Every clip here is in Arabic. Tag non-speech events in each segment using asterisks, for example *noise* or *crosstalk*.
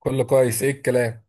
كله كويس، ايه الكلام؟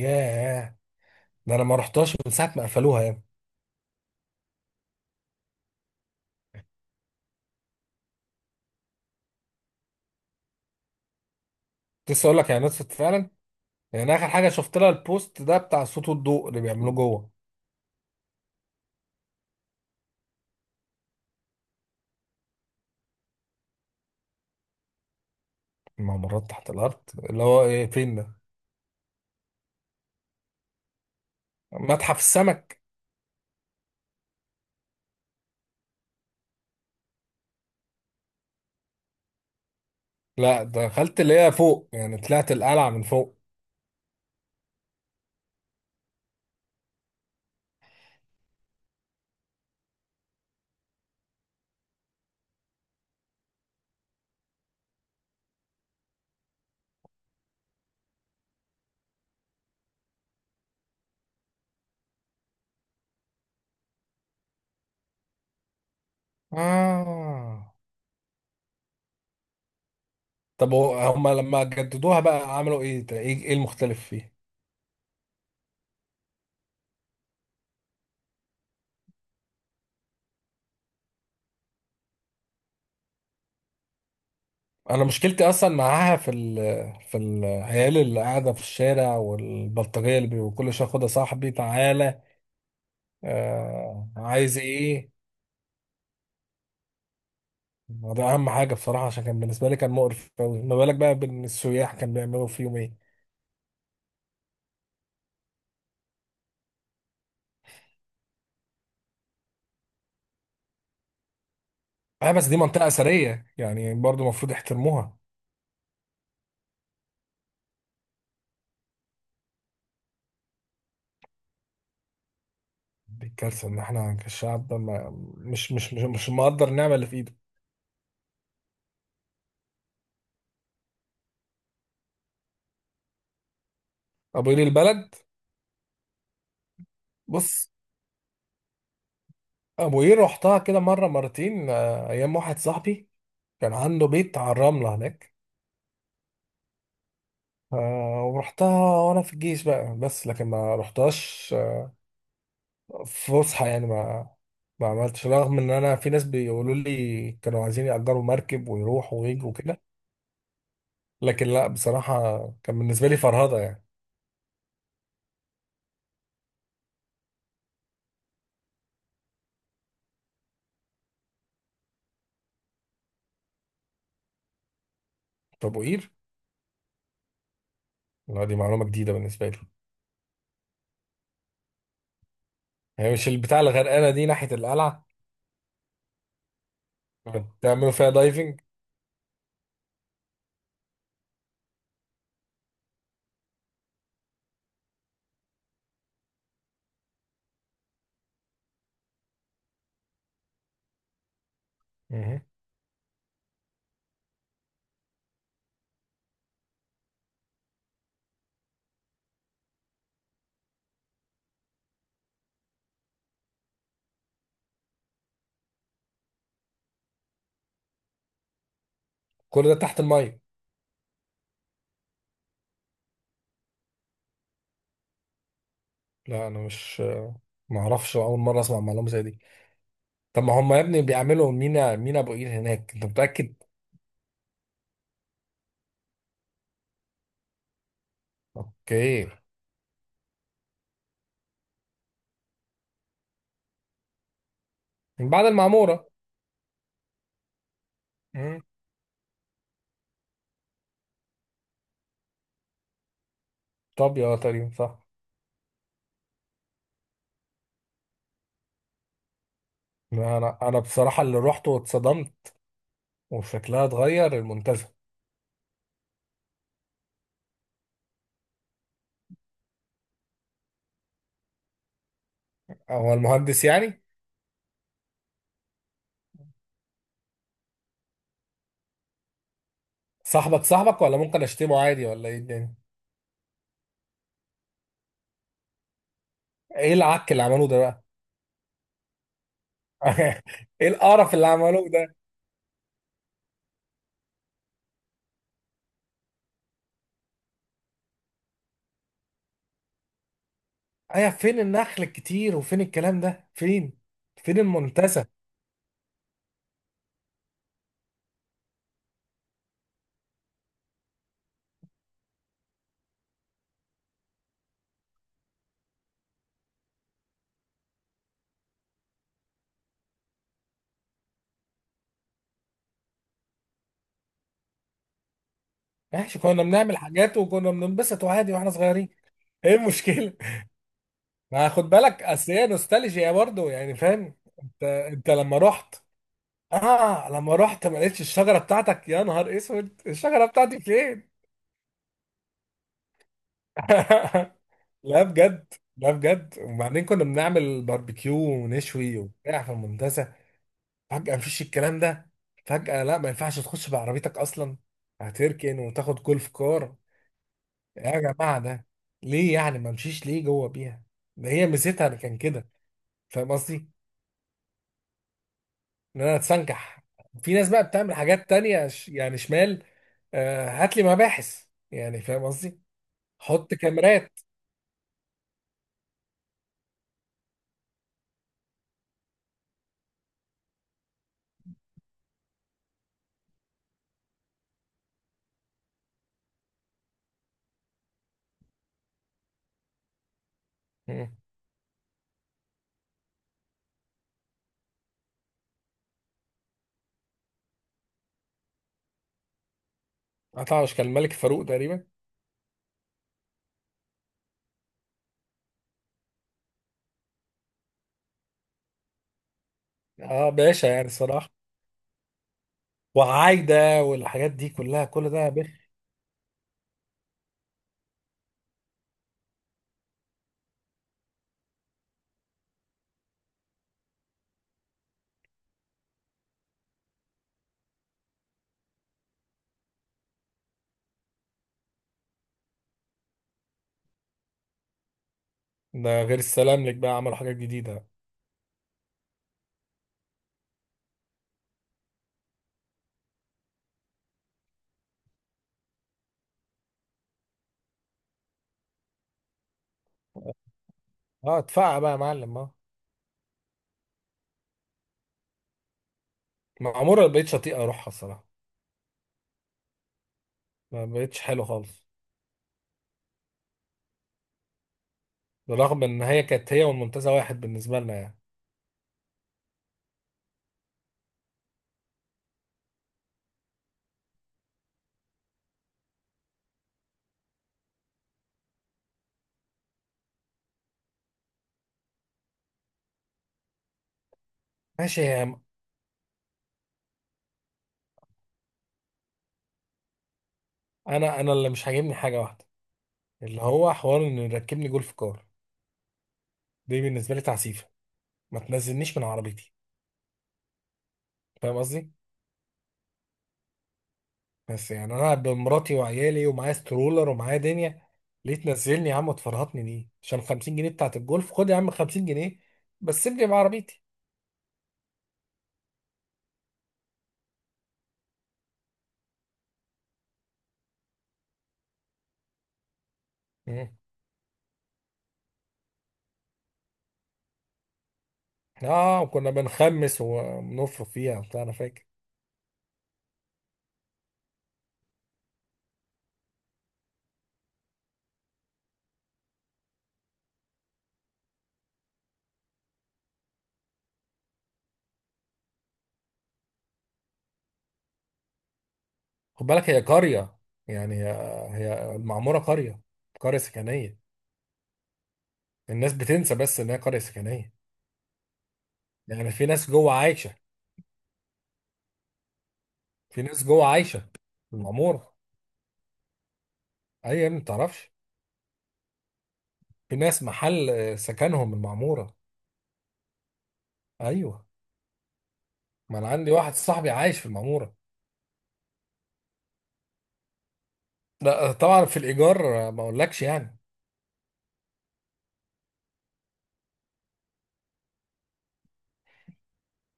ياه. ده انا ما رحتهاش من ساعه ما قفلوها يعني. كنت لسه اقول لك يعني نطفت فعلا. يعني اخر حاجه شفت لها البوست ده بتاع صوت والضوء اللي بيعملوه جوه. الممرات تحت الارض، اللي هو ايه، فين ده، متحف السمك؟ لا، دخلت اللي هي فوق، يعني طلعت القلعه من فوق. اه، طب هو هما لما جددوها بقى عملوا ايه؟ ده إيه المختلف فيه؟ انا مشكلتي اصلا معاها في في العيال اللي قاعده في الشارع والبلطجيه اللي وكل شويه خدها صاحبي تعالى. آه، عايز ايه؟ ده اهم حاجه بصراحه، عشان كان بالنسبه لي كان مقرف قوي، ما بالك بقى بان السياح كان بيعملوا فيهم ايه. اه بس دي منطقه اثريه يعني، برضو المفروض يحترموها. دي الكارثه ان احنا كشعب ما مش مقدر النعمه اللي في ايده. ابو قير البلد. بص. ابو قير رحتها كده مره مرتين، ايام واحد صاحبي كان عنده بيت على الرمله هناك. ورحتها وانا في الجيش بقى، بس لكن ما رحتهاش فسحة يعني، ما عملتش، رغم ان انا في ناس بيقولوا لي كانوا عايزين يأجروا مركب ويروحوا ويجوا كده. لكن لا، بصراحة كان بالنسبة لي فرهضة يعني. طب وقير؟ لا، دي معلومة جديدة بالنسبة لي. هي مش البتاع اللي غرقانة دي ناحية القلعة؟ كنت تعملوا فيها دايفنج؟ مهم. كل ده تحت المية؟ لا، انا مش ما اعرفش، اول مرة اسمع معلومة زي دي. طب ما هم يا ابني بيعملوا مينا ابو قير هناك، انت متأكد؟ اوكي. من بعد المعمورة. مم. طب يا تقريبا صح. انا بصراحه اللي رحت واتصدمت وشكلها اتغير المنتزه. هو المهندس يعني؟ صاحبك صاحبك، ولا ممكن اشتمه عادي ولا ايه الدنيا؟ ايه العك اللي عملوه ده بقى؟ *laughs* ايه القرف اللي عملوه ده؟ ايه، فين النخل الكتير وفين الكلام ده، فين؟ فين المنتزه؟ ماشي، كنا بنعمل حاجات وكنا بننبسط وعادي واحنا صغيرين. ايه المشكلة؟ *laughs* ما خد بالك، اصل هي نوستالجيا برضه يعني، فاهم. انت لما رحت، اه لما رحت ما لقيتش الشجره بتاعتك، يا نهار اسود، الشجره بتاعتي فين؟ *laughs* لا بجد، لا بجد، وبعدين كنا بنعمل باربيكيو ونشوي وبتاع في المنتزه، فجاه مفيش الكلام ده. فجاه لا، ما ينفعش تخش بعربيتك اصلا، هتركن وتاخد جولف كار. يا جماعه، ده ليه يعني، ما امشيش ليه جوه بيها؟ ده هي ميزتها كان كده، فاهم قصدي. ان انا اتسنكح، في ناس بقى بتعمل حاجات تانية يعني شمال. هات لي مباحث يعني، فاهم. حط كاميرات. مم. عطاوش كان الملك فاروق تقريبا. اه باشا، يعني الصراحه، وعايده والحاجات دي كلها، كل ده يا بخ. ده غير السلام لك بقى، عملوا حاجات جديده. اه، اتفقع بقى يا معلم، اه. معموره ما بقتش اطيق اروحها الصراحه، ما بقتش حلو خالص، بالرغم ان هي كانت هي والمنتزه واحد بالنسبه لنا يعني. ماشي يا عم. انا اللي مش عاجبني حاجه واحده، اللي هو حوار ان يركبني جولف كار. دي بالنسبه لي تعسيفه، ما تنزلنيش من عربيتي، فاهم قصدي. بس يعني انا قاعد بمراتي وعيالي، ومعايا سترولر ومعايا دنيا، ليه تنزلني يا عم وتفرهطني دي عشان 50 جنيه بتاعت الجولف؟ خد يا عم 50 جنيه، بس سيبني بعربيتي. مم. اه، وكنا بنخمس ونفرق فيها وبتاع، انا فاكر. خد بالك هي قرية، يعني هي المعمورة قرية، قرية سكنية. الناس بتنسى بس ان هي قرية سكنية، يعني في ناس جوه عايشة، في ناس جوه عايشة في المعمورة. ايوه يا ابني، ما تعرفش؟ في ناس محل سكنهم المعمورة. ايوه. ما انا عندي واحد صاحبي عايش في المعموره. لا طبعا في الايجار، ما اقولكش يعني.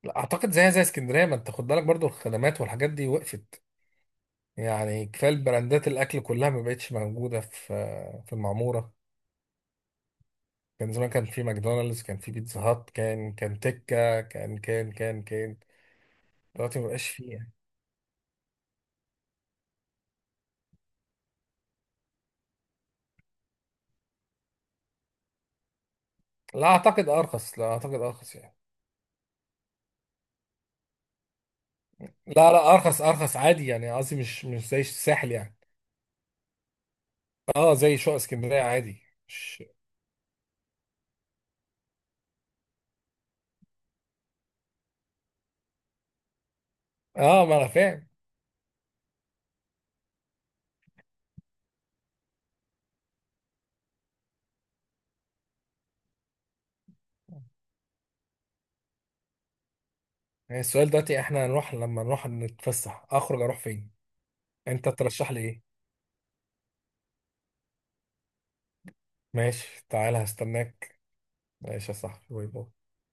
لا اعتقد زيها زي اسكندريه، ما انت خد بالك، برضو الخدمات والحاجات دي وقفت، يعني كفايه البراندات، الاكل كلها ما بقتش موجوده في المعموره. كان زمان، كان في ماكدونالدز، كان في بيتزا هات، كان تكه، كان. دلوقتي ما بقاش فيه يعني. لا اعتقد ارخص، لا اعتقد ارخص يعني. لا لا، ارخص ارخص عادي يعني، قصدي مش زي الساحل يعني، اه زي شقق اسكندريه عادي، مش اه ما انا فاهم. يعني السؤال دلوقتي، احنا هنروح لما نروح نتفسح اخرج اروح فين؟ انت ترشح لي ايه؟ ماشي تعالى هستناك. ماشي يا صاحبي، باي باي.